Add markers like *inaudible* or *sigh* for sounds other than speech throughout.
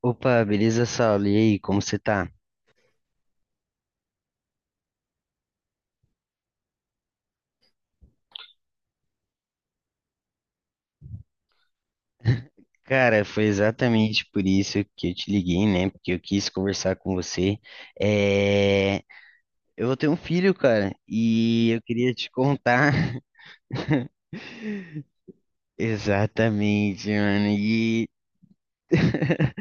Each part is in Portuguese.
Opa, beleza, Saulo? E aí, como você tá? Cara, foi exatamente por isso que eu te liguei, né? Porque eu quis conversar com você. É... Eu vou ter um filho, cara, e eu queria te contar *laughs* exatamente, mano. E *laughs*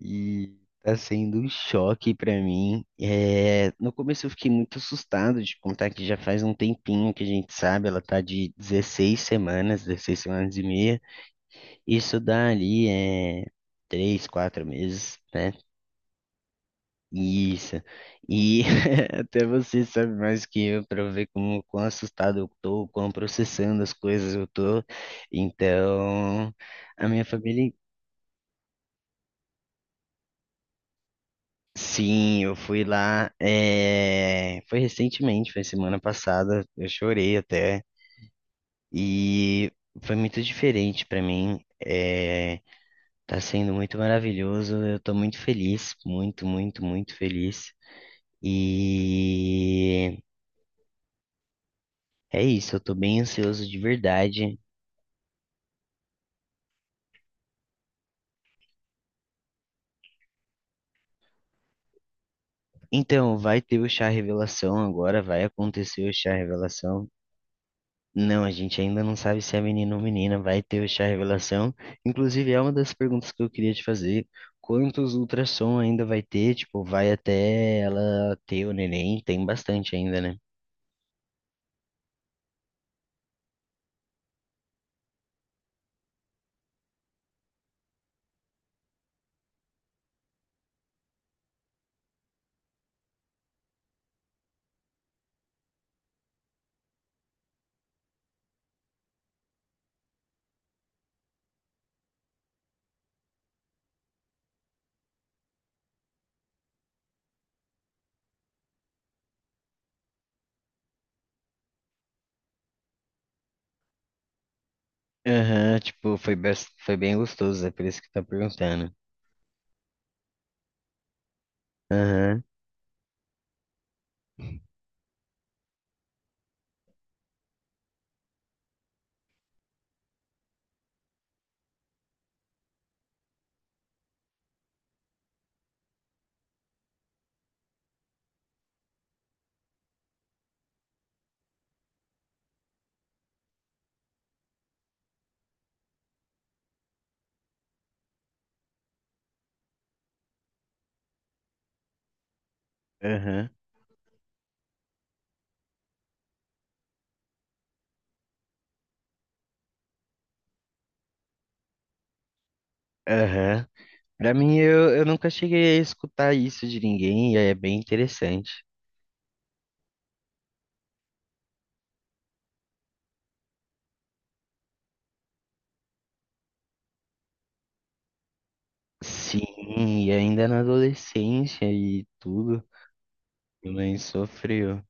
E tá sendo um choque pra mim. É, no começo eu fiquei muito assustado de contar que já faz um tempinho que a gente sabe, ela tá de 16 semanas, 16 semanas e meia. Isso dá ali é 3, 4 meses, né? Isso. E *laughs* até você sabe mais que eu para ver como quão assustado eu tô, quão processando as coisas eu tô. Então, a minha família, sim, eu fui lá, foi recentemente, foi semana passada, eu chorei até e foi muito diferente para mim. É, tá sendo muito maravilhoso, eu tô muito feliz, muito, muito, muito feliz. E é isso, eu tô bem ansioso de verdade. Então, vai ter o chá revelação agora, vai acontecer o chá revelação. Não, a gente ainda não sabe se é menino ou menina, vai ter o chá revelação. Inclusive, é uma das perguntas que eu queria te fazer. Quantos ultrassom ainda vai ter? Tipo, vai até ela ter o neném? Tem bastante ainda, né? Aham, tipo, foi, foi bem gostoso, é por isso que tá perguntando. Aham, aham, aham. Pra mim, eu nunca cheguei a escutar isso de ninguém, e é bem interessante. Sim, e ainda na adolescência e tudo, minha mãe sofreu,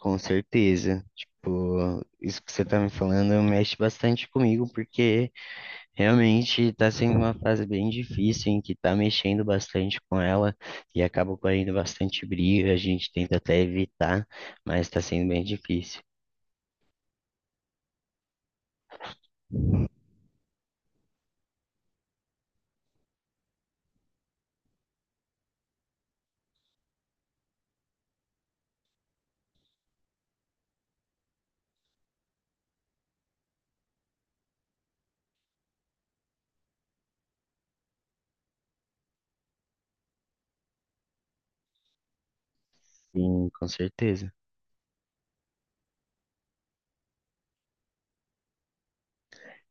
com certeza. Tipo, isso que você tá me falando mexe bastante comigo, porque realmente tá sendo uma fase bem difícil, em que tá mexendo bastante com ela, e acaba correndo bastante briga, a gente tenta até evitar, mas tá sendo bem difícil. Sim, com certeza.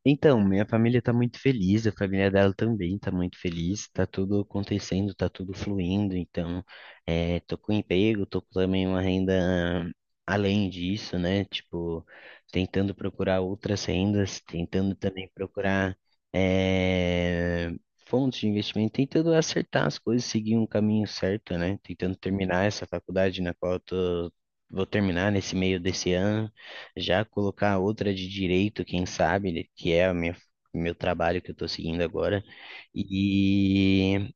Então, minha família tá muito feliz, a família dela também tá muito feliz, tá tudo acontecendo, tá tudo fluindo, então, tô com emprego, tô com também uma renda além disso, né? Tipo, tentando procurar outras rendas, tentando também procurar, é, fontes de investimento, tentando acertar as coisas, seguir um caminho certo, né? Tentando terminar essa faculdade na qual eu tô, vou terminar nesse meio desse ano. Já colocar outra de direito, quem sabe, né, que é a minha, meu trabalho que eu tô seguindo agora. E,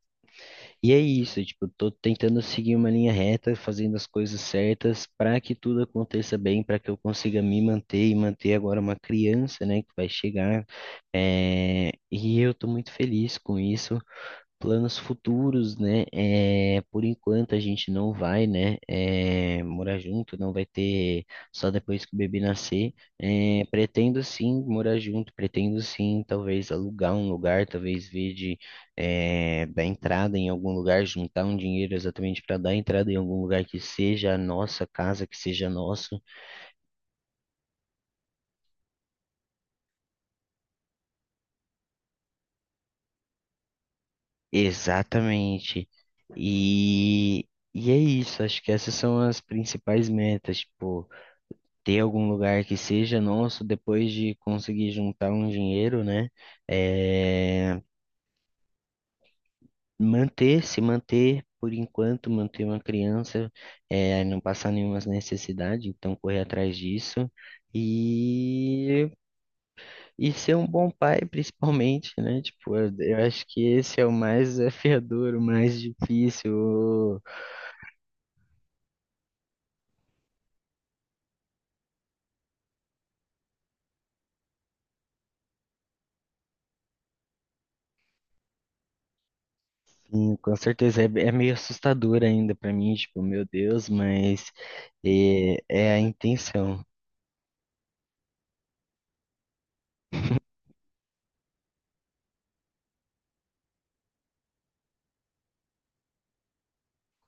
e é isso, tipo, tô tentando seguir uma linha reta, fazendo as coisas certas para que tudo aconteça bem, para que eu consiga me manter e manter agora uma criança, né, que vai chegar. É, e eu tô muito feliz com isso. Planos futuros, né? É, por enquanto a gente não vai, né, morar junto, não vai ter só depois que o bebê nascer. É, pretendo sim morar junto, pretendo sim, talvez alugar um lugar, talvez ver de dar entrada em algum lugar, juntar um dinheiro exatamente para dar entrada em algum lugar que seja a nossa casa, que seja nosso. Exatamente. E, e é isso, acho que essas são as principais metas, tipo, ter algum lugar que seja nosso, depois de conseguir juntar um dinheiro, né? É, manter, se manter por enquanto, manter uma criança, não passar nenhuma necessidade, então correr atrás disso. E, e ser um bom pai, *laughs* principalmente, né? Tipo, eu acho que esse é o mais desafiador, o mais difícil. Sim, com certeza, é meio assustador ainda pra mim, tipo, meu Deus, mas é a intenção.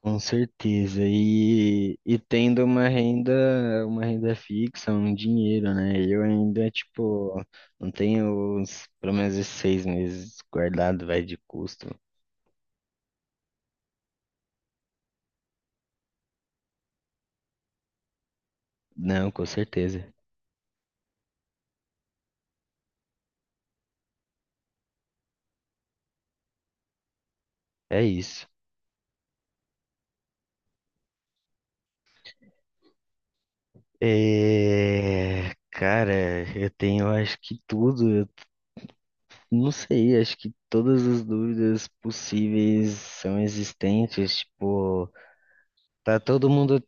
Com certeza. E tendo uma renda, fixa, um dinheiro, né? Eu ainda, tipo, não tenho os, pelo menos esses 6 meses guardado, vai de custo. Não, com certeza. É isso. É, cara, eu tenho, acho que tudo, eu não sei, acho que todas as dúvidas possíveis são existentes, tipo, tá todo mundo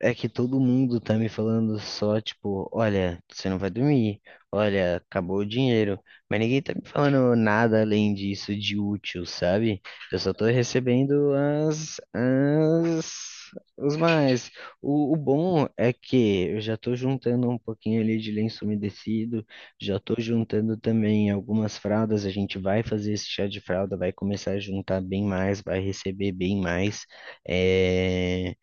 É que todo mundo tá me falando só, tipo, olha, você não vai dormir, olha, acabou o dinheiro. Mas ninguém tá me falando nada além disso de útil, sabe? Eu só tô recebendo as, os mais. O bom é que eu já tô juntando um pouquinho ali de lenço umedecido, já tô juntando também algumas fraldas. A gente vai fazer esse chá de fralda, vai começar a juntar bem mais, vai receber bem mais. É...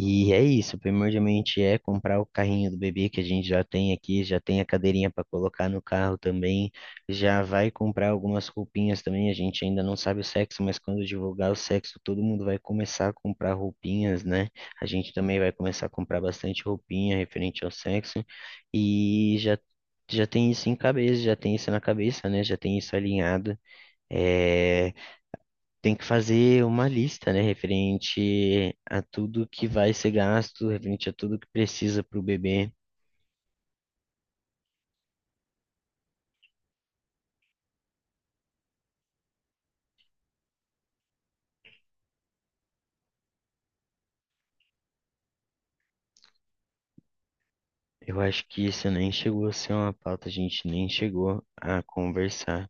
E é isso, primordialmente é comprar o carrinho do bebê que a gente já tem aqui, já tem a cadeirinha para colocar no carro também, já vai comprar algumas roupinhas também, a gente ainda não sabe o sexo, mas quando divulgar o sexo, todo mundo vai começar a comprar roupinhas, né? A gente também vai começar a comprar bastante roupinha referente ao sexo e já tem isso em cabeça, já tem isso na cabeça, né? Já tem isso alinhado. É, tem que fazer uma lista, né, referente a tudo que vai ser gasto, referente a tudo que precisa para o bebê. Eu acho que isso nem chegou a ser uma pauta, a gente nem chegou a conversar.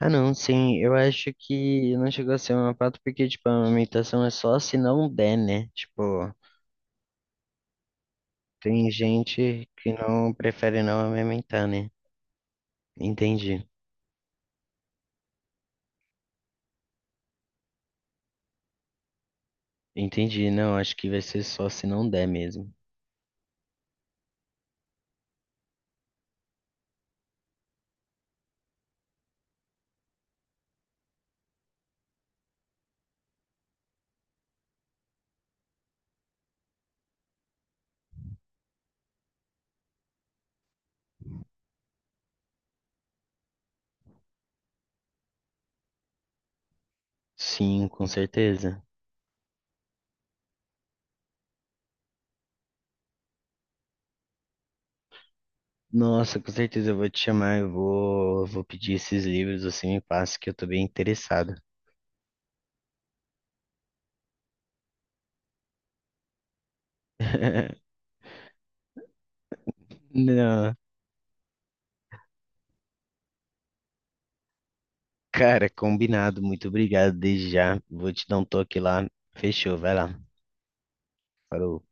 Ah, não, sim, eu acho que não chegou a ser uma pauta porque, tipo, a amamentação é só se não der, né? Tipo, tem gente que não prefere não amamentar, né? Entendi, entendi. Não, acho que vai ser só se não der mesmo. Sim, com certeza. Nossa, com certeza eu vou te chamar, eu vou, pedir esses livros, você me passa que eu tô bem interessado. *laughs* Não, cara, combinado, muito obrigado desde já. Vou te dar um toque lá. Fechou, vai lá. Falou.